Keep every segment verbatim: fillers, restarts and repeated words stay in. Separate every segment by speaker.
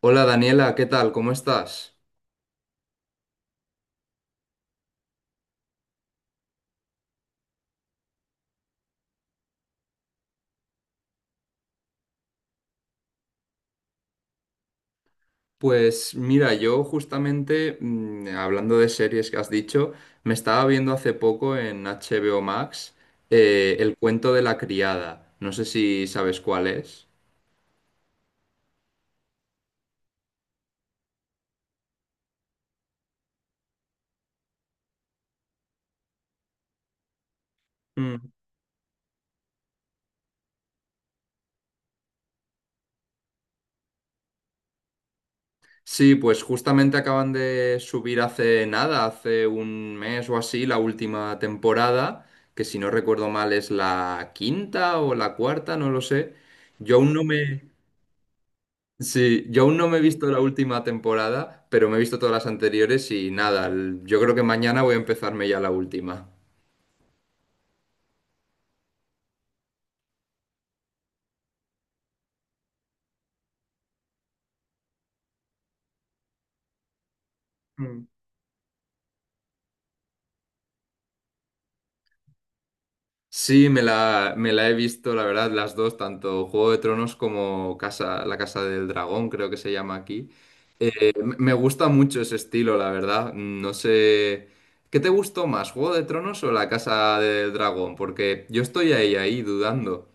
Speaker 1: Hola Daniela, ¿qué tal? ¿Cómo estás? Pues mira, yo justamente, mm, hablando de series que has dicho, me estaba viendo hace poco en H B O Max eh, El cuento de la criada. No sé si sabes cuál es. Mm. Sí, pues justamente acaban de subir hace nada, hace un mes o así, la última temporada, que si no recuerdo mal es la quinta o la cuarta, no lo sé. Yo aún no me... Sí, yo aún no me he visto la última temporada, pero me he visto todas las anteriores y nada, l- yo creo que mañana voy a empezarme ya la última. Mm. Sí, me la, me la he visto, la verdad, las dos, tanto Juego de Tronos como Casa, La Casa del Dragón, creo que se llama aquí. M- me gusta mucho ese estilo, la verdad. No sé, ¿qué te gustó más, Juego de Tronos o La Casa del Dragón? Porque yo estoy ahí, ahí dudando.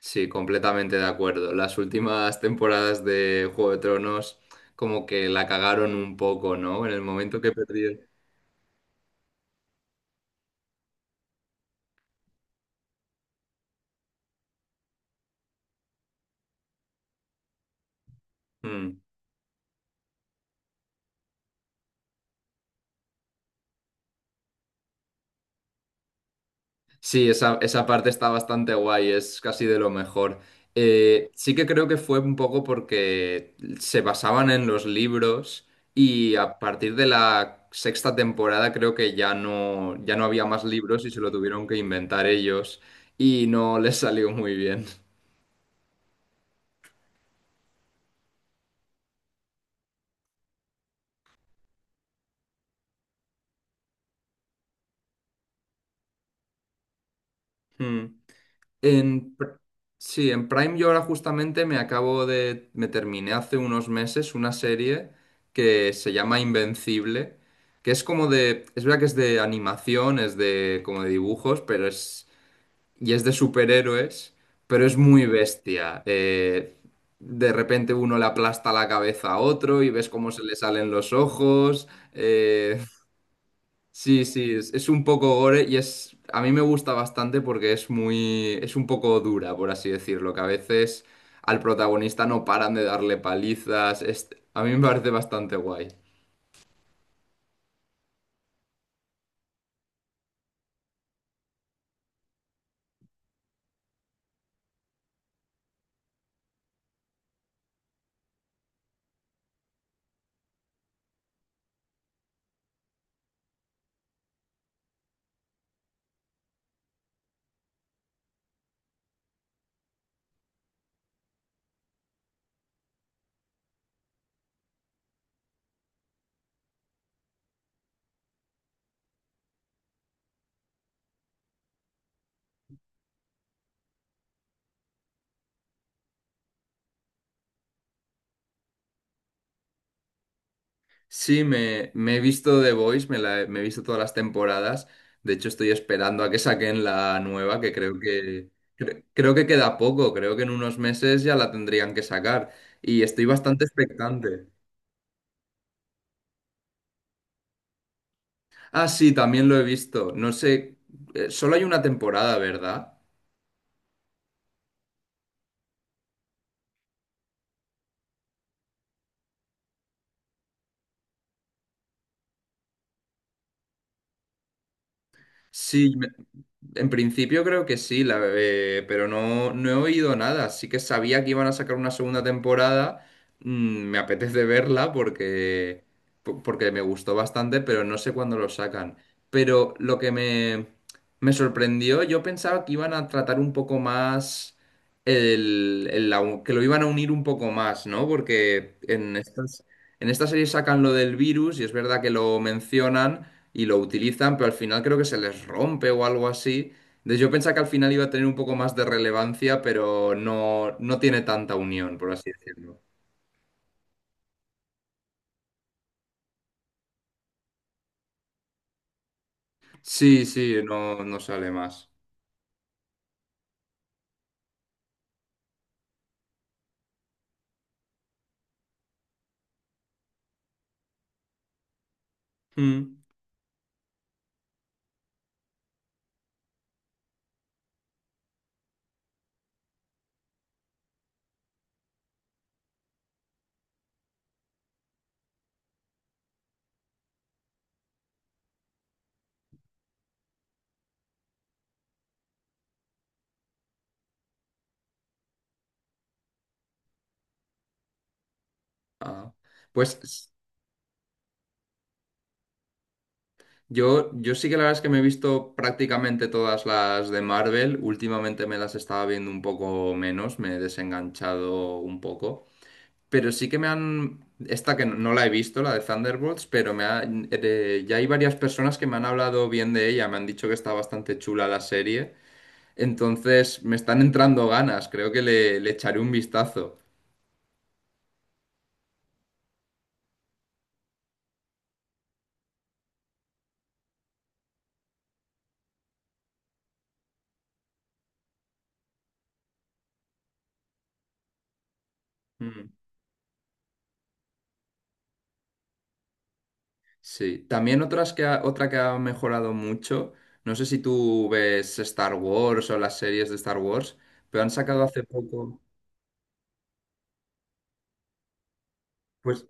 Speaker 1: Sí, completamente de acuerdo. Las últimas temporadas de Juego de Tronos como que la cagaron un poco, ¿no? En el momento que perdí. Mm. Sí, esa, esa parte está bastante guay, es casi de lo mejor. Eh, sí que creo que fue un poco porque se basaban en los libros y a partir de la sexta temporada creo que ya no, ya no había más libros y se lo tuvieron que inventar ellos y no les salió muy bien. Mm. En, pr- sí, en Prime yo ahora justamente me acabo de, me terminé hace unos meses una serie que se llama Invencible, que es como de, es verdad que es de animación, es de como de dibujos, pero es, y es de superhéroes, pero es muy bestia. Eh, de repente uno le aplasta la cabeza a otro y ves cómo se le salen los ojos. eh, Sí, sí, es, es un poco gore y es, a mí me gusta bastante porque es muy, es un poco dura, por así decirlo, que a veces al protagonista no paran de darle palizas. Es- a mí me parece bastante guay. Sí, me, me he visto The Voice, me, la he me he visto todas las temporadas. De hecho, estoy esperando a que saquen la nueva, que creo que, cre- creo que queda poco, creo que en unos meses ya la tendrían que sacar. Y estoy bastante expectante. Ah, sí, también lo he visto. No sé, eh, solo hay una temporada, ¿verdad? Sí, en principio creo que sí, la, eh, pero no, no he oído nada. Sí que sabía que iban a sacar una segunda temporada. Mm, me apetece verla porque, po- porque me gustó bastante, pero no sé cuándo lo sacan. Pero lo que me, me sorprendió, yo pensaba que iban a tratar un poco más el, el la- que lo iban a unir un poco más, ¿no? Porque en estas, en esta serie sacan lo del virus y es verdad que lo mencionan y lo utilizan, pero al final creo que se les rompe o algo así. Entonces yo pensaba que al final iba a tener un poco más de relevancia, pero no, no tiene tanta unión, por así decirlo. Sí, sí, no, no sale más. Mm. Ah. Pues s- yo, yo sí que la verdad es que me he visto prácticamente todas las de Marvel. Últimamente me las estaba viendo un poco menos, me he desenganchado un poco. Pero sí que me han... Esta que no no la he visto, la de Thunderbolts, pero me ha- eh, ya hay varias personas que me han hablado bien de ella, me han dicho que está bastante chula la serie, entonces me están entrando ganas, creo que le, le echaré un vistazo. Mm. Sí, también otras que ha- otra que ha mejorado mucho, no sé si tú ves Star Wars o las series de Star Wars, pero han sacado hace poco, pues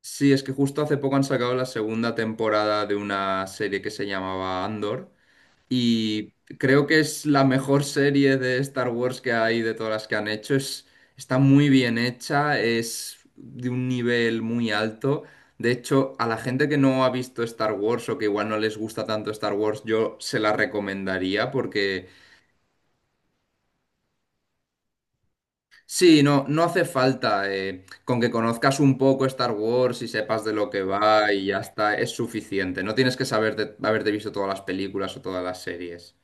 Speaker 1: sí, es que justo hace poco han sacado la segunda temporada de una serie que se llamaba Andor. Y creo que es la mejor serie de Star Wars que hay de todas las que han hecho. Es, está muy bien hecha, es de un nivel muy alto. De hecho, a la gente que no ha visto Star Wars o que igual no les gusta tanto Star Wars, yo se la recomendaría porque sí, no, no hace falta. Eh, con que conozcas un poco Star Wars y sepas de lo que va y ya está, es suficiente. No tienes que saber de- haberte visto todas las películas o todas las series.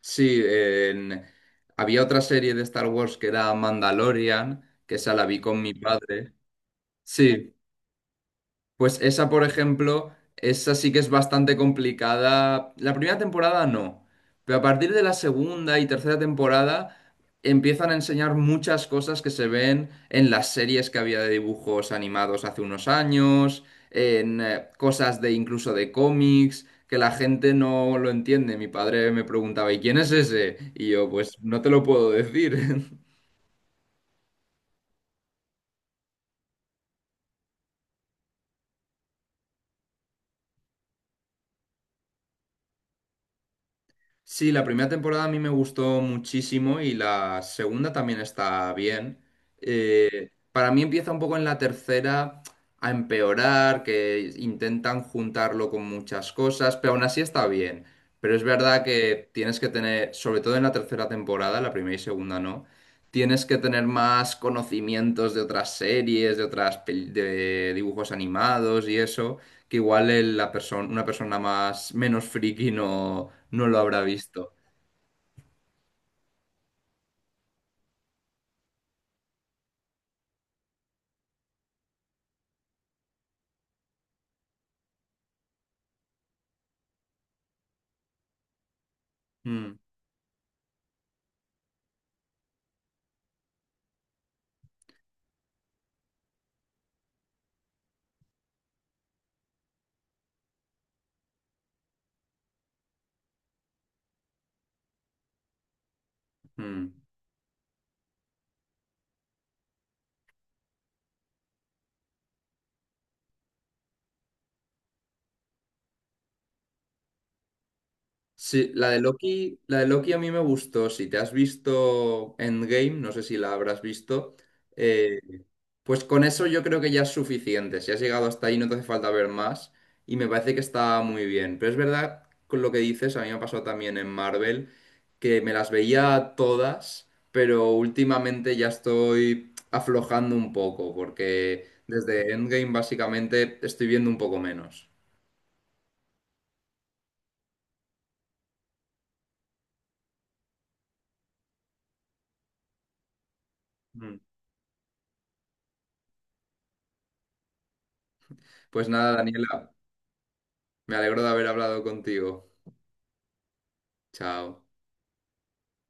Speaker 1: Sí, en- había otra serie de Star Wars que era Mandalorian, que esa la vi con mi padre. Sí, pues esa, por ejemplo, esa sí que es bastante complicada. La primera temporada no, pero a partir de la segunda y tercera temporada empiezan a enseñar muchas cosas que se ven en las series que había de dibujos animados hace unos años, en eh, cosas de incluso de cómics, que la gente no lo entiende. Mi padre me preguntaba, ¿y quién es ese? Y yo, pues no te lo puedo decir. Sí, la primera temporada a mí me gustó muchísimo y la segunda también está bien. Para mí empieza un poco en la tercera a empeorar, que intentan juntarlo con muchas cosas, pero aún así está bien. Pero es verdad que tienes que tener, sobre todo en la tercera temporada, la primera y segunda no, tienes que tener más conocimientos de otras series, de otras pel- de dibujos animados y eso, que igual el- la persona, una persona más menos friki no, no lo habrá visto. Mm, mm. Sí, la de Loki, la de Loki a mí me gustó. Si te has visto Endgame, no sé si la habrás visto, eh, pues con eso yo creo que ya es suficiente. Si has llegado hasta ahí, no te hace falta ver más. Y me parece que está muy bien. Pero es verdad, con lo que dices, a mí me ha pasado también en Marvel, que me las veía todas, pero últimamente ya estoy aflojando un poco, porque desde Endgame básicamente estoy viendo un poco menos. Mm. Pues nada, Daniela, me alegro de haber hablado contigo. Chao.